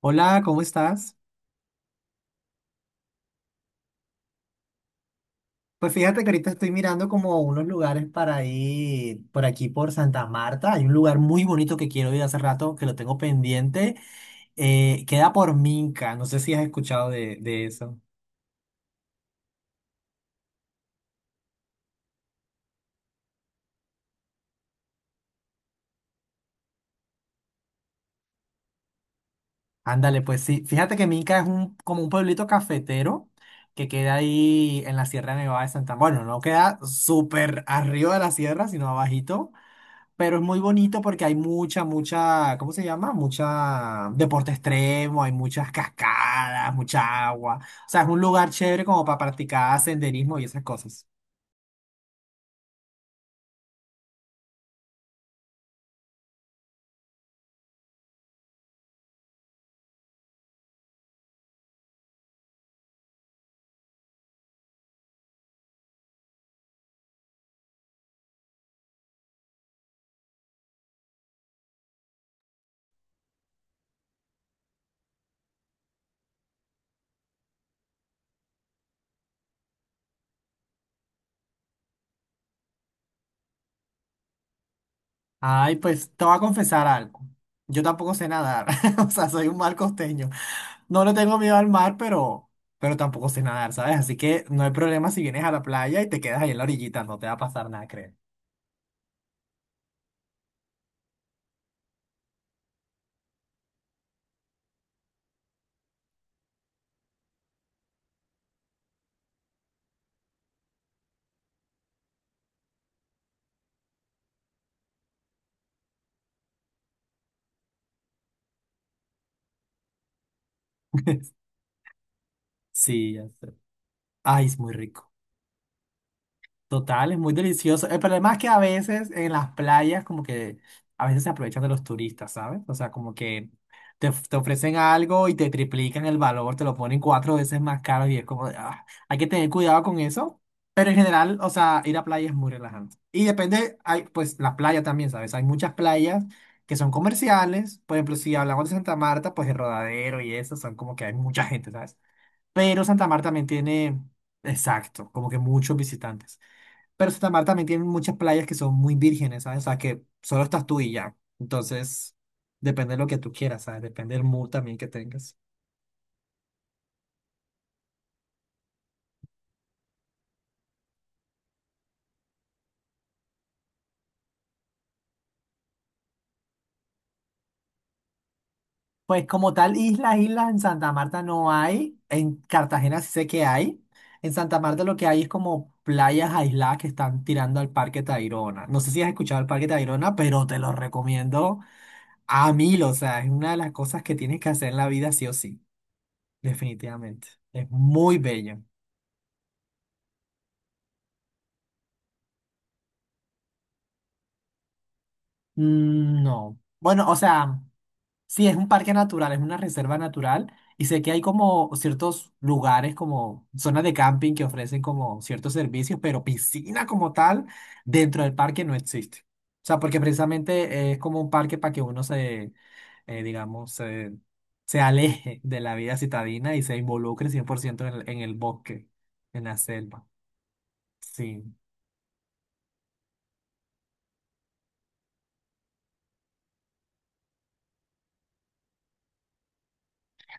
Hola, ¿cómo estás? Pues fíjate que ahorita estoy mirando como unos lugares para ir por aquí por Santa Marta. Hay un lugar muy bonito que quiero ir hace rato, que lo tengo pendiente. Queda por Minca, no sé si has escuchado de eso. Ándale, pues sí. Fíjate que Minca es como un pueblito cafetero que queda ahí en la Sierra Nevada de Santa Marta. Bueno, no queda súper arriba de la sierra, sino abajito. Pero es muy bonito porque hay mucha, mucha, ¿cómo se llama? Mucha deporte extremo, hay muchas cascadas, mucha agua. O sea, es un lugar chévere como para practicar senderismo y esas cosas. Ay, pues te voy a confesar algo. Yo tampoco sé nadar. O sea, soy un mal costeño. No le tengo miedo al mar, pero tampoco sé nadar, ¿sabes? Así que no hay problema si vienes a la playa y te quedas ahí en la orillita, no te va a pasar nada, creo. Sí, ya sé. Ay, es muy rico. Total, es muy delicioso. El problema es que a veces en las playas como que a veces se aprovechan de los turistas, ¿sabes? O sea, como que te ofrecen algo y te triplican el valor, te lo ponen cuatro veces más caro y es como, de, "Ah". Hay que tener cuidado con eso. Pero en general, o sea, ir a playa es muy relajante. Y depende, hay, pues la playa también, ¿sabes? Hay muchas playas que son comerciales. Por ejemplo, si hablamos de Santa Marta, pues el Rodadero y eso son como que hay mucha gente, ¿sabes? Pero Santa Marta también tiene, exacto, como que muchos visitantes. Pero Santa Marta también tiene muchas playas que son muy vírgenes, ¿sabes? O sea, que solo estás tú y ya. Entonces, depende de lo que tú quieras, ¿sabes? Depende del mood también que tengas. Pues como tal, islas en Santa Marta no hay. En Cartagena sí sé que hay. En Santa Marta lo que hay es como playas aisladas que están tirando al Parque Tayrona. No sé si has escuchado el Parque Tayrona, pero te lo recomiendo a mil. O sea, es una de las cosas que tienes que hacer en la vida sí o sí, definitivamente. Es muy bello. Mm, no. Bueno, o sea. Sí, es un parque natural, es una reserva natural y sé que hay como ciertos lugares, como zonas de camping que ofrecen como ciertos servicios, pero piscina como tal dentro del parque no existe. O sea, porque precisamente es como un parque para que uno se, digamos, se aleje de la vida citadina y se involucre 100% en el bosque, en la selva. Sí,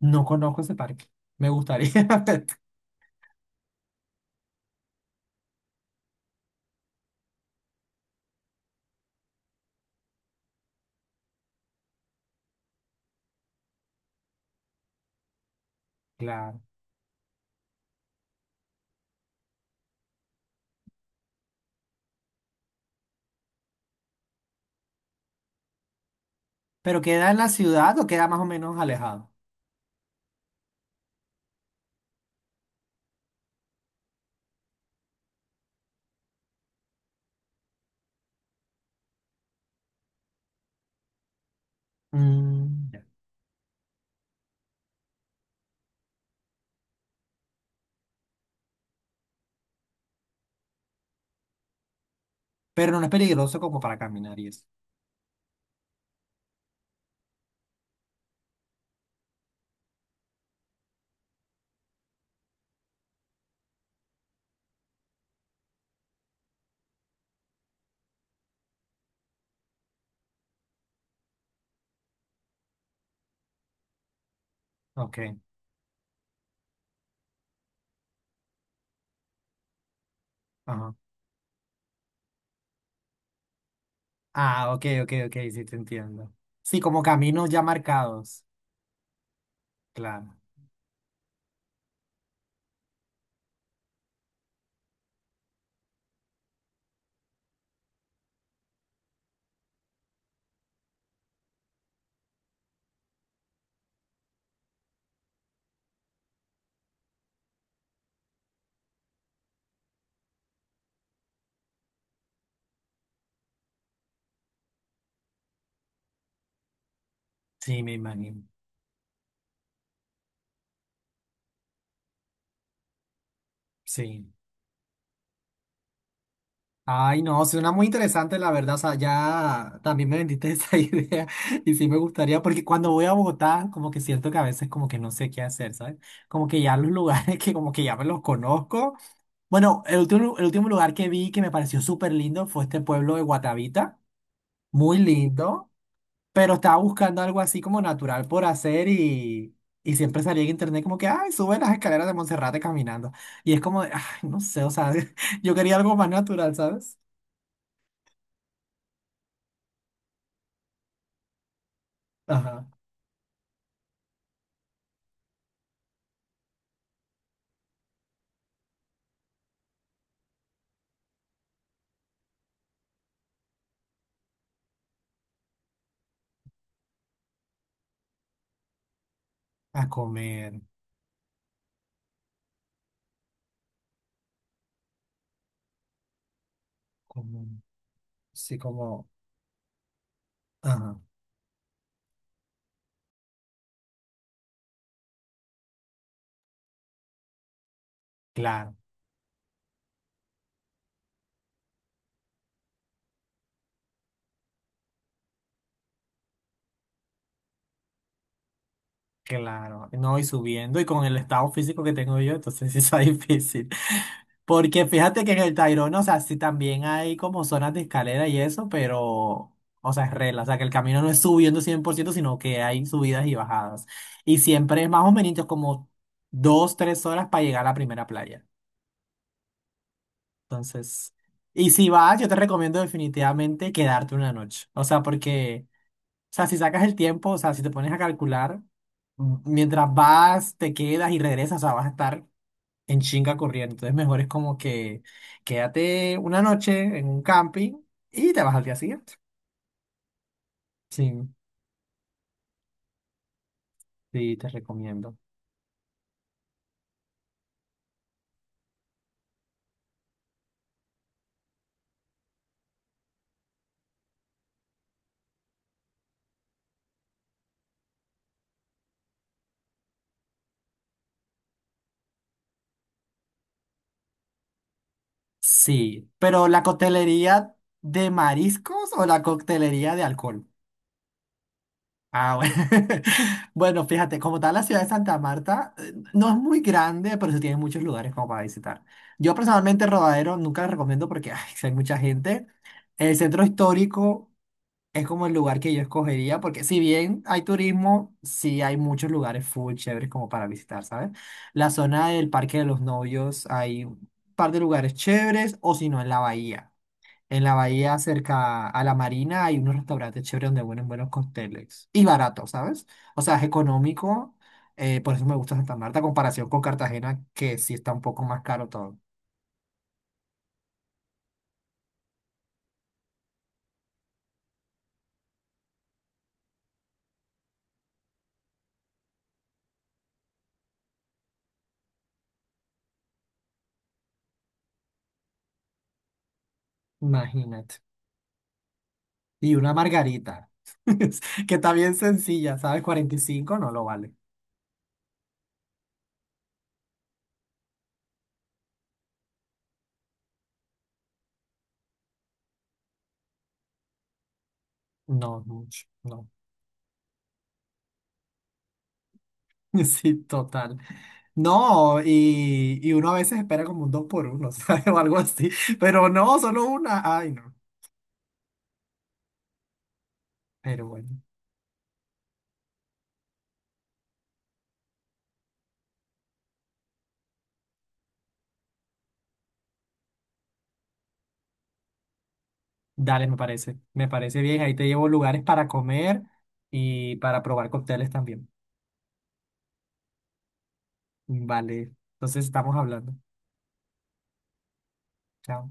no conozco ese parque. Me gustaría. Claro. ¿Pero queda en la ciudad o queda más o menos alejado? Mm. Pero no es peligroso como para caminar y eso. Ok, ajá. Ah, ok, ok, ok, sí te entiendo. Sí, como caminos ya marcados. Claro, sí, me imagino. Sí. Ay, no, suena muy interesante, la verdad. O sea, ya también me vendiste esa idea y sí me gustaría, porque cuando voy a Bogotá, como que siento que a veces como que no sé qué hacer, ¿sabes? Como que ya los lugares que como que ya me los conozco. Bueno, el último lugar que vi que me pareció súper lindo fue este pueblo de Guatavita. Muy lindo. Pero estaba buscando algo así como natural por hacer y siempre salía en internet como que, ay, sube las escaleras de Monserrate caminando. Y es como, de, ay, no sé, o sea, yo quería algo más natural, ¿sabes? Ajá. A comer, como, sí, como, ajá, claro. Claro, no, y subiendo y con el estado físico que tengo yo, entonces sí está difícil. Porque fíjate que en el Tayrona, o sea, sí también hay como zonas de escalera y eso, pero, o sea, es regla, o sea, que el camino no es subiendo 100%, sino que hay subidas y bajadas. Y siempre es más o menos como 2, 3 horas para llegar a la primera playa. Entonces, y si vas, yo te recomiendo definitivamente quedarte una noche, o sea, porque... O sea, si sacas el tiempo, o sea, si te pones a calcular, mientras vas, te quedas y regresas, o sea, vas a estar en chinga corriendo. Entonces, mejor es como que quédate una noche en un camping y te vas al día siguiente. Sí, sí, te recomiendo. Sí, pero ¿la coctelería de mariscos o la coctelería de alcohol? Ah, bueno. Bueno, fíjate, como tal, la ciudad de Santa Marta no es muy grande, pero sí tiene muchos lugares como para visitar. Yo personalmente el Rodadero nunca lo recomiendo porque ay, sí hay mucha gente. El centro histórico es como el lugar que yo escogería porque si bien hay turismo, sí hay muchos lugares full chéveres como para visitar, ¿sabes? La zona del Parque de los Novios hay un par de lugares chéveres o si no en la bahía. En la bahía cerca a la marina hay unos restaurantes chéveres donde venden buenos cócteles. Y barato, ¿sabes? O sea, es económico. Por eso me gusta Santa Marta, a comparación con Cartagena, que sí está un poco más caro todo. Imagínate. Y una margarita, que está bien sencilla, ¿sabes? 45 no lo vale. No, mucho, no. Sí, total. No, y uno a veces espera como un 2 por 1, ¿sabes? O algo así. Pero no, solo una. Ay, no. Pero bueno. Dale, me parece bien. Ahí te llevo lugares para comer y para probar cócteles también. Vale, entonces estamos hablando. Chao.